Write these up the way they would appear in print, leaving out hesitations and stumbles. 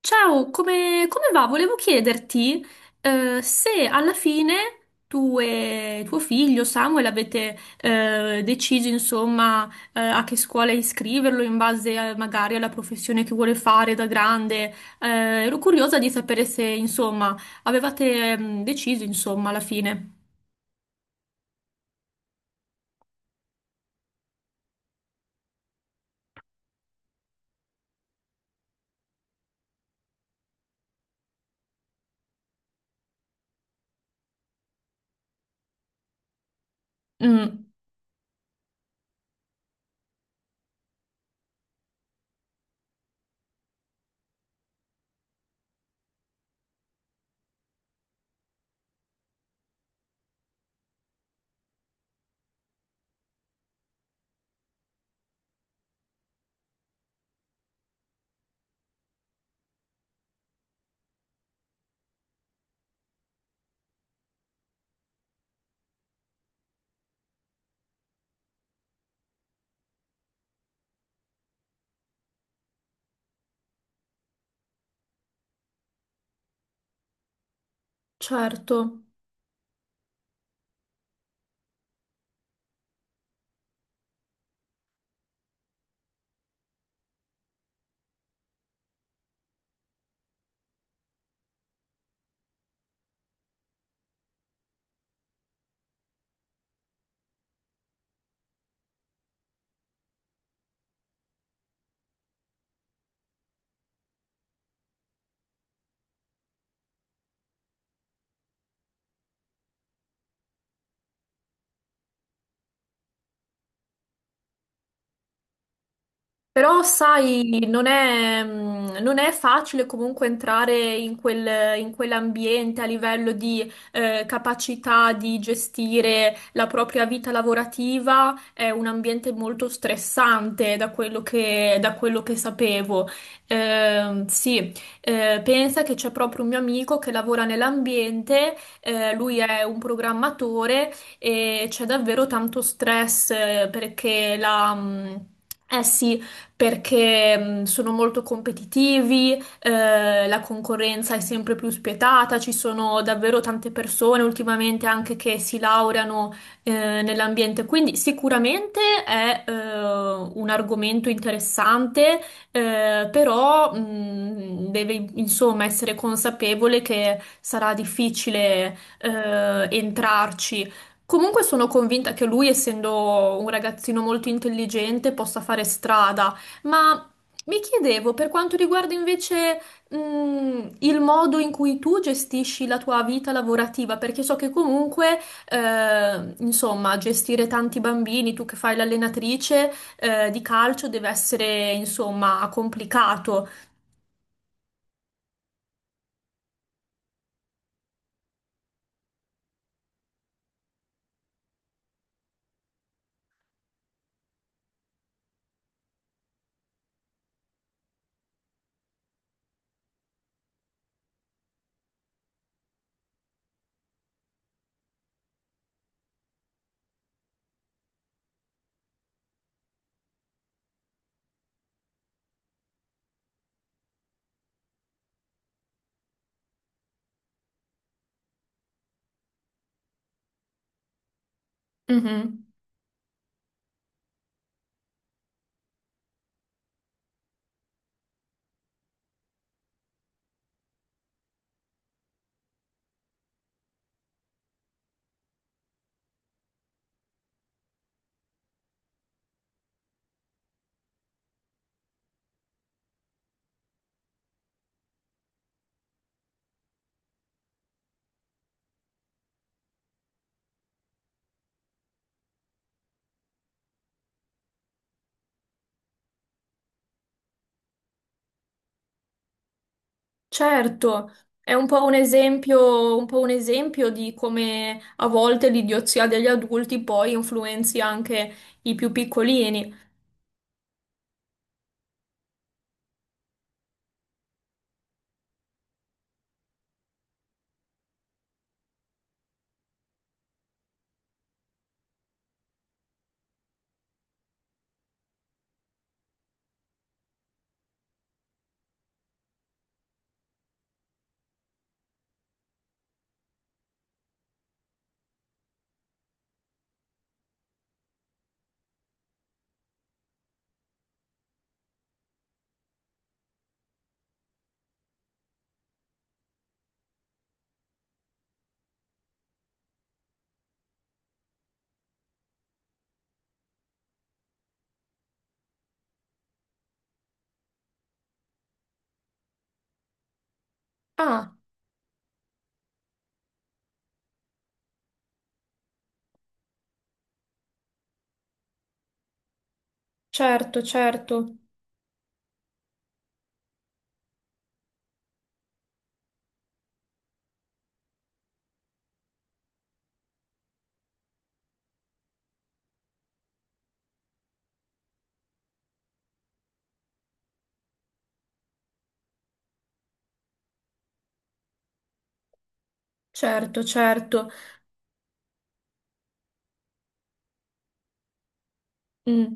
Ciao, come va? Volevo chiederti se alla fine tu e tuo figlio Samuel avete deciso insomma a che scuola iscriverlo in base magari alla professione che vuole fare da grande. Eh, Ero curiosa di sapere se insomma avevate deciso insomma alla fine. Mm, certo. Però, sai, non è facile comunque entrare in in quell'ambiente a livello di capacità di gestire la propria vita lavorativa. È un ambiente molto stressante da da quello che sapevo. Sì, pensa che c'è proprio un mio amico che lavora nell'ambiente, lui è un programmatore e c'è davvero tanto stress perché eh sì, perché sono molto competitivi, la concorrenza è sempre più spietata, ci sono davvero tante persone ultimamente anche che si laureano nell'ambiente, quindi sicuramente è un argomento interessante, però deve insomma essere consapevole che sarà difficile entrarci. Comunque sono convinta che lui, essendo un ragazzino molto intelligente, possa fare strada. Ma mi chiedevo, per quanto riguarda invece, il modo in cui tu gestisci la tua vita lavorativa, perché so che comunque, insomma, gestire tanti bambini, tu che fai l'allenatrice, di calcio, deve essere, insomma, complicato. Mhm. Certo, è un po' un esempio, un po' un esempio di come a volte l'idiozia degli adulti poi influenzi anche i più piccolini. Ah, certo, certo. Certo, certo. Mm.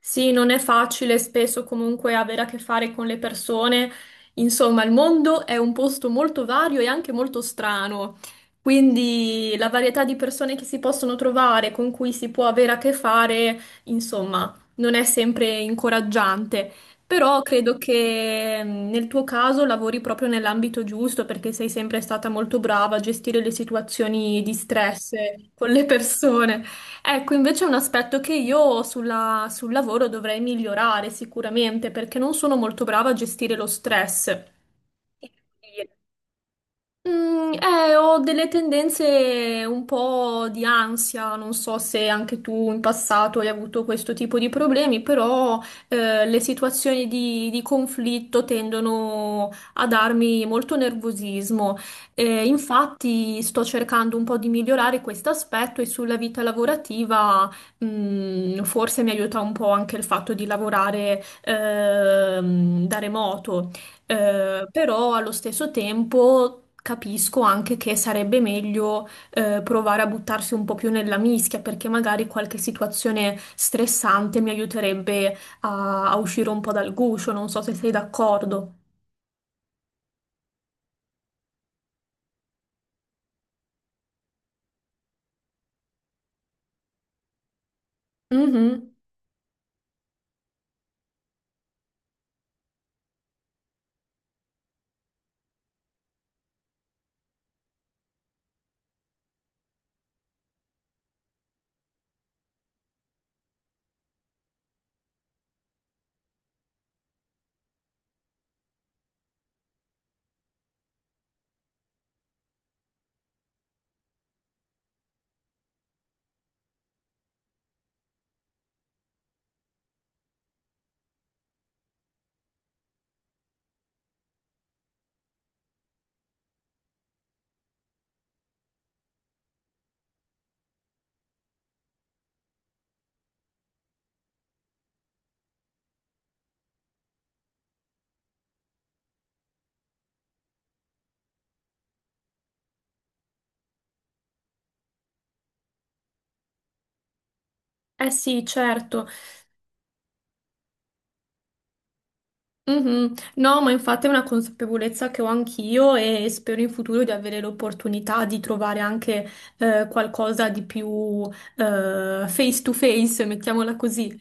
Sì, non è facile spesso comunque avere a che fare con le persone. Insomma, il mondo è un posto molto vario e anche molto strano. Quindi la varietà di persone che si possono trovare, con cui si può avere a che fare, insomma, non è sempre incoraggiante. Però credo che nel tuo caso lavori proprio nell'ambito giusto perché sei sempre stata molto brava a gestire le situazioni di stress con le persone. Ecco, invece è un aspetto che io sul lavoro dovrei migliorare sicuramente perché non sono molto brava a gestire lo stress. Mm, ho delle tendenze un po' di ansia, non so se anche tu in passato hai avuto questo tipo di problemi, però le situazioni di conflitto tendono a darmi molto nervosismo. Infatti sto cercando un po' di migliorare questo aspetto e sulla vita lavorativa, forse mi aiuta un po' anche il fatto di lavorare da remoto. Però allo stesso tempo capisco anche che sarebbe meglio provare a buttarsi un po' più nella mischia perché magari qualche situazione stressante mi aiuterebbe a uscire un po' dal guscio, non so se sei d'accordo. Mhm. Eh sì, certo. Mhm. No, ma infatti è una consapevolezza che ho anch'io e spero in futuro di avere l'opportunità di trovare anche qualcosa di più face to face, mettiamola così.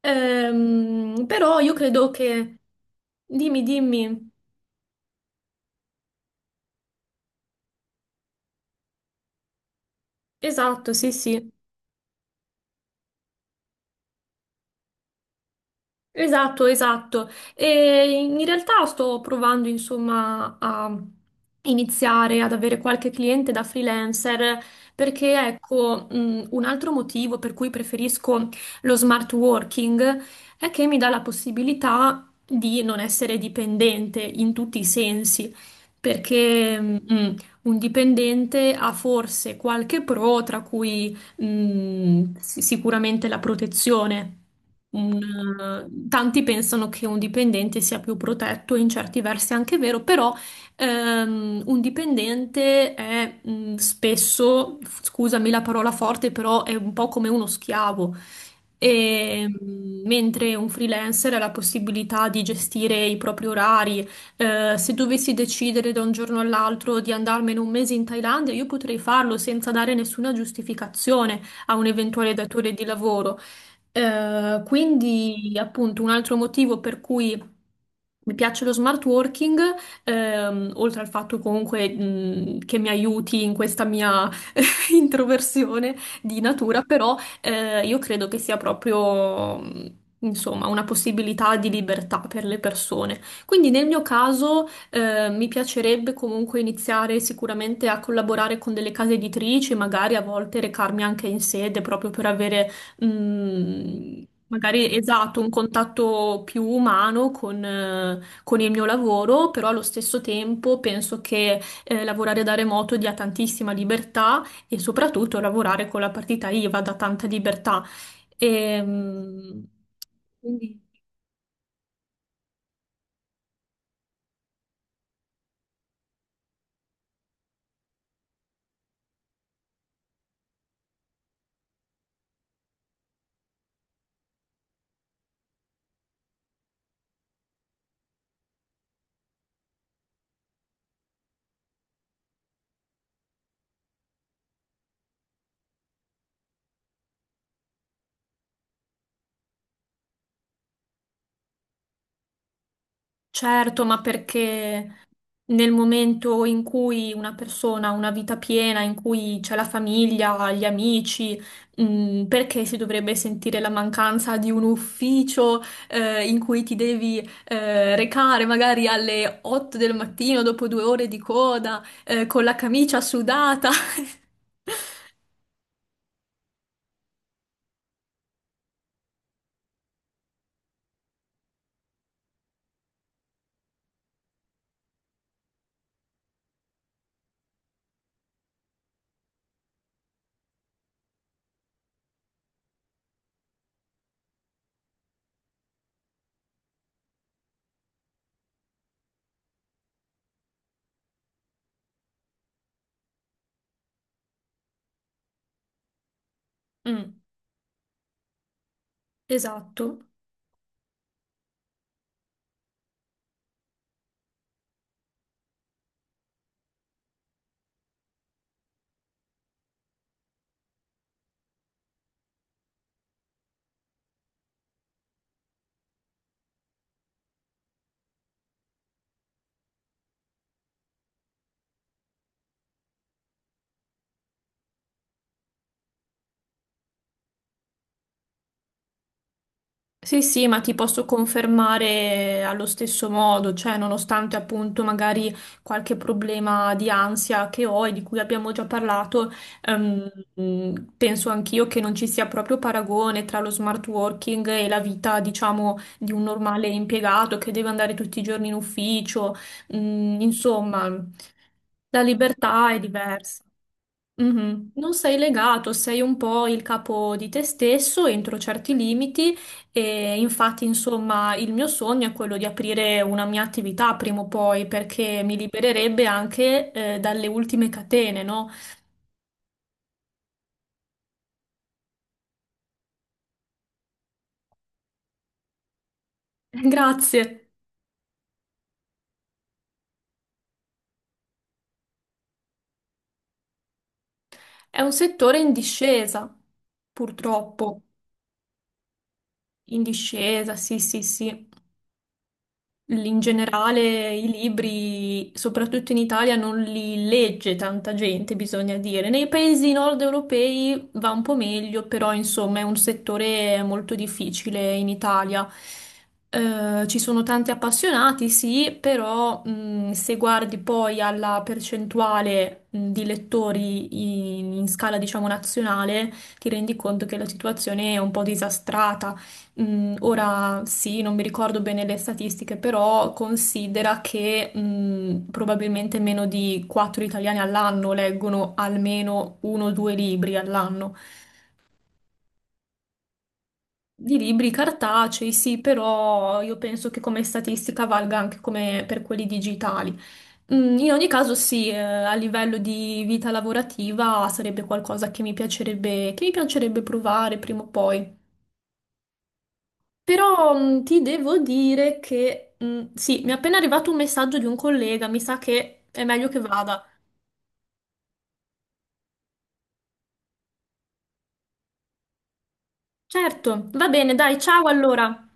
Però io credo che... Dimmi, dimmi. Esatto, sì, sì. Esatto, esatto. E in realtà sto provando, insomma, a iniziare ad avere qualche cliente da freelancer perché, ecco, un altro motivo per cui preferisco lo smart working è che mi dà la possibilità di non essere dipendente in tutti i sensi, perché un dipendente ha forse qualche pro, tra cui sicuramente la protezione. Tanti pensano che un dipendente sia più protetto, in certi versi è anche vero, però un dipendente è spesso, scusami la parola forte, però è un po' come uno schiavo. E, mentre un freelancer ha la possibilità di gestire i propri orari, se dovessi decidere da un giorno all'altro di andarmene un mese in Thailandia, io potrei farlo senza dare nessuna giustificazione a un eventuale datore di lavoro. Quindi, appunto, un altro motivo per cui mi piace lo smart working, oltre al fatto comunque, che mi aiuti in questa mia introversione di natura, però io credo che sia proprio, insomma, una possibilità di libertà per le persone. Quindi nel mio caso mi piacerebbe comunque iniziare sicuramente a collaborare con delle case editrici, magari a volte recarmi anche in sede proprio per avere... Magari esatto, un contatto più umano con il mio lavoro, però allo stesso tempo penso che lavorare da remoto dia tantissima libertà e soprattutto lavorare con la partita IVA dà tanta libertà. Ehm, quindi, certo, ma perché nel momento in cui una persona ha una vita piena, in cui c'è la famiglia, gli amici, perché si dovrebbe sentire la mancanza di un ufficio, in cui ti devi, recare magari alle 8 del mattino dopo 2 ore di coda, con la camicia sudata? Mm, esatto. Sì, sì, ma ti posso confermare allo stesso modo, cioè nonostante appunto magari qualche problema di ansia che ho e di cui abbiamo già parlato, penso anch'io che non ci sia proprio paragone tra lo smart working e la vita, diciamo, di un normale impiegato che deve andare tutti i giorni in ufficio. Mm, insomma, la libertà è diversa. Mhm. Non sei legato, sei un po' il capo di te stesso entro certi limiti e infatti, insomma, il mio sogno è quello di aprire una mia attività prima o poi perché mi libererebbe anche dalle ultime catene, no? Grazie. È un settore in discesa, purtroppo, in discesa, sì, sì, sì. In generale, i libri, soprattutto in Italia, non li legge tanta gente, bisogna dire. Nei paesi nord europei va un po' meglio, però insomma è un settore molto difficile in Italia. Ci sono tanti appassionati, sì, però se guardi poi alla percentuale di lettori in scala, diciamo, nazionale, ti rendi conto che la situazione è un po' disastrata. Mm, ora sì, non mi ricordo bene le statistiche, però considera che probabilmente meno di 4 italiani all'anno leggono almeno uno o 2 libri all'anno. Di libri cartacei, sì, però io penso che come statistica valga anche come per quelli digitali. Mm, in ogni caso, sì, a livello di vita lavorativa sarebbe qualcosa che mi piacerebbe provare prima o poi. Però ti devo dire che sì, mi è appena arrivato un messaggio di un collega, mi sa che è meglio che vada. Certo, va bene, dai, ciao allora.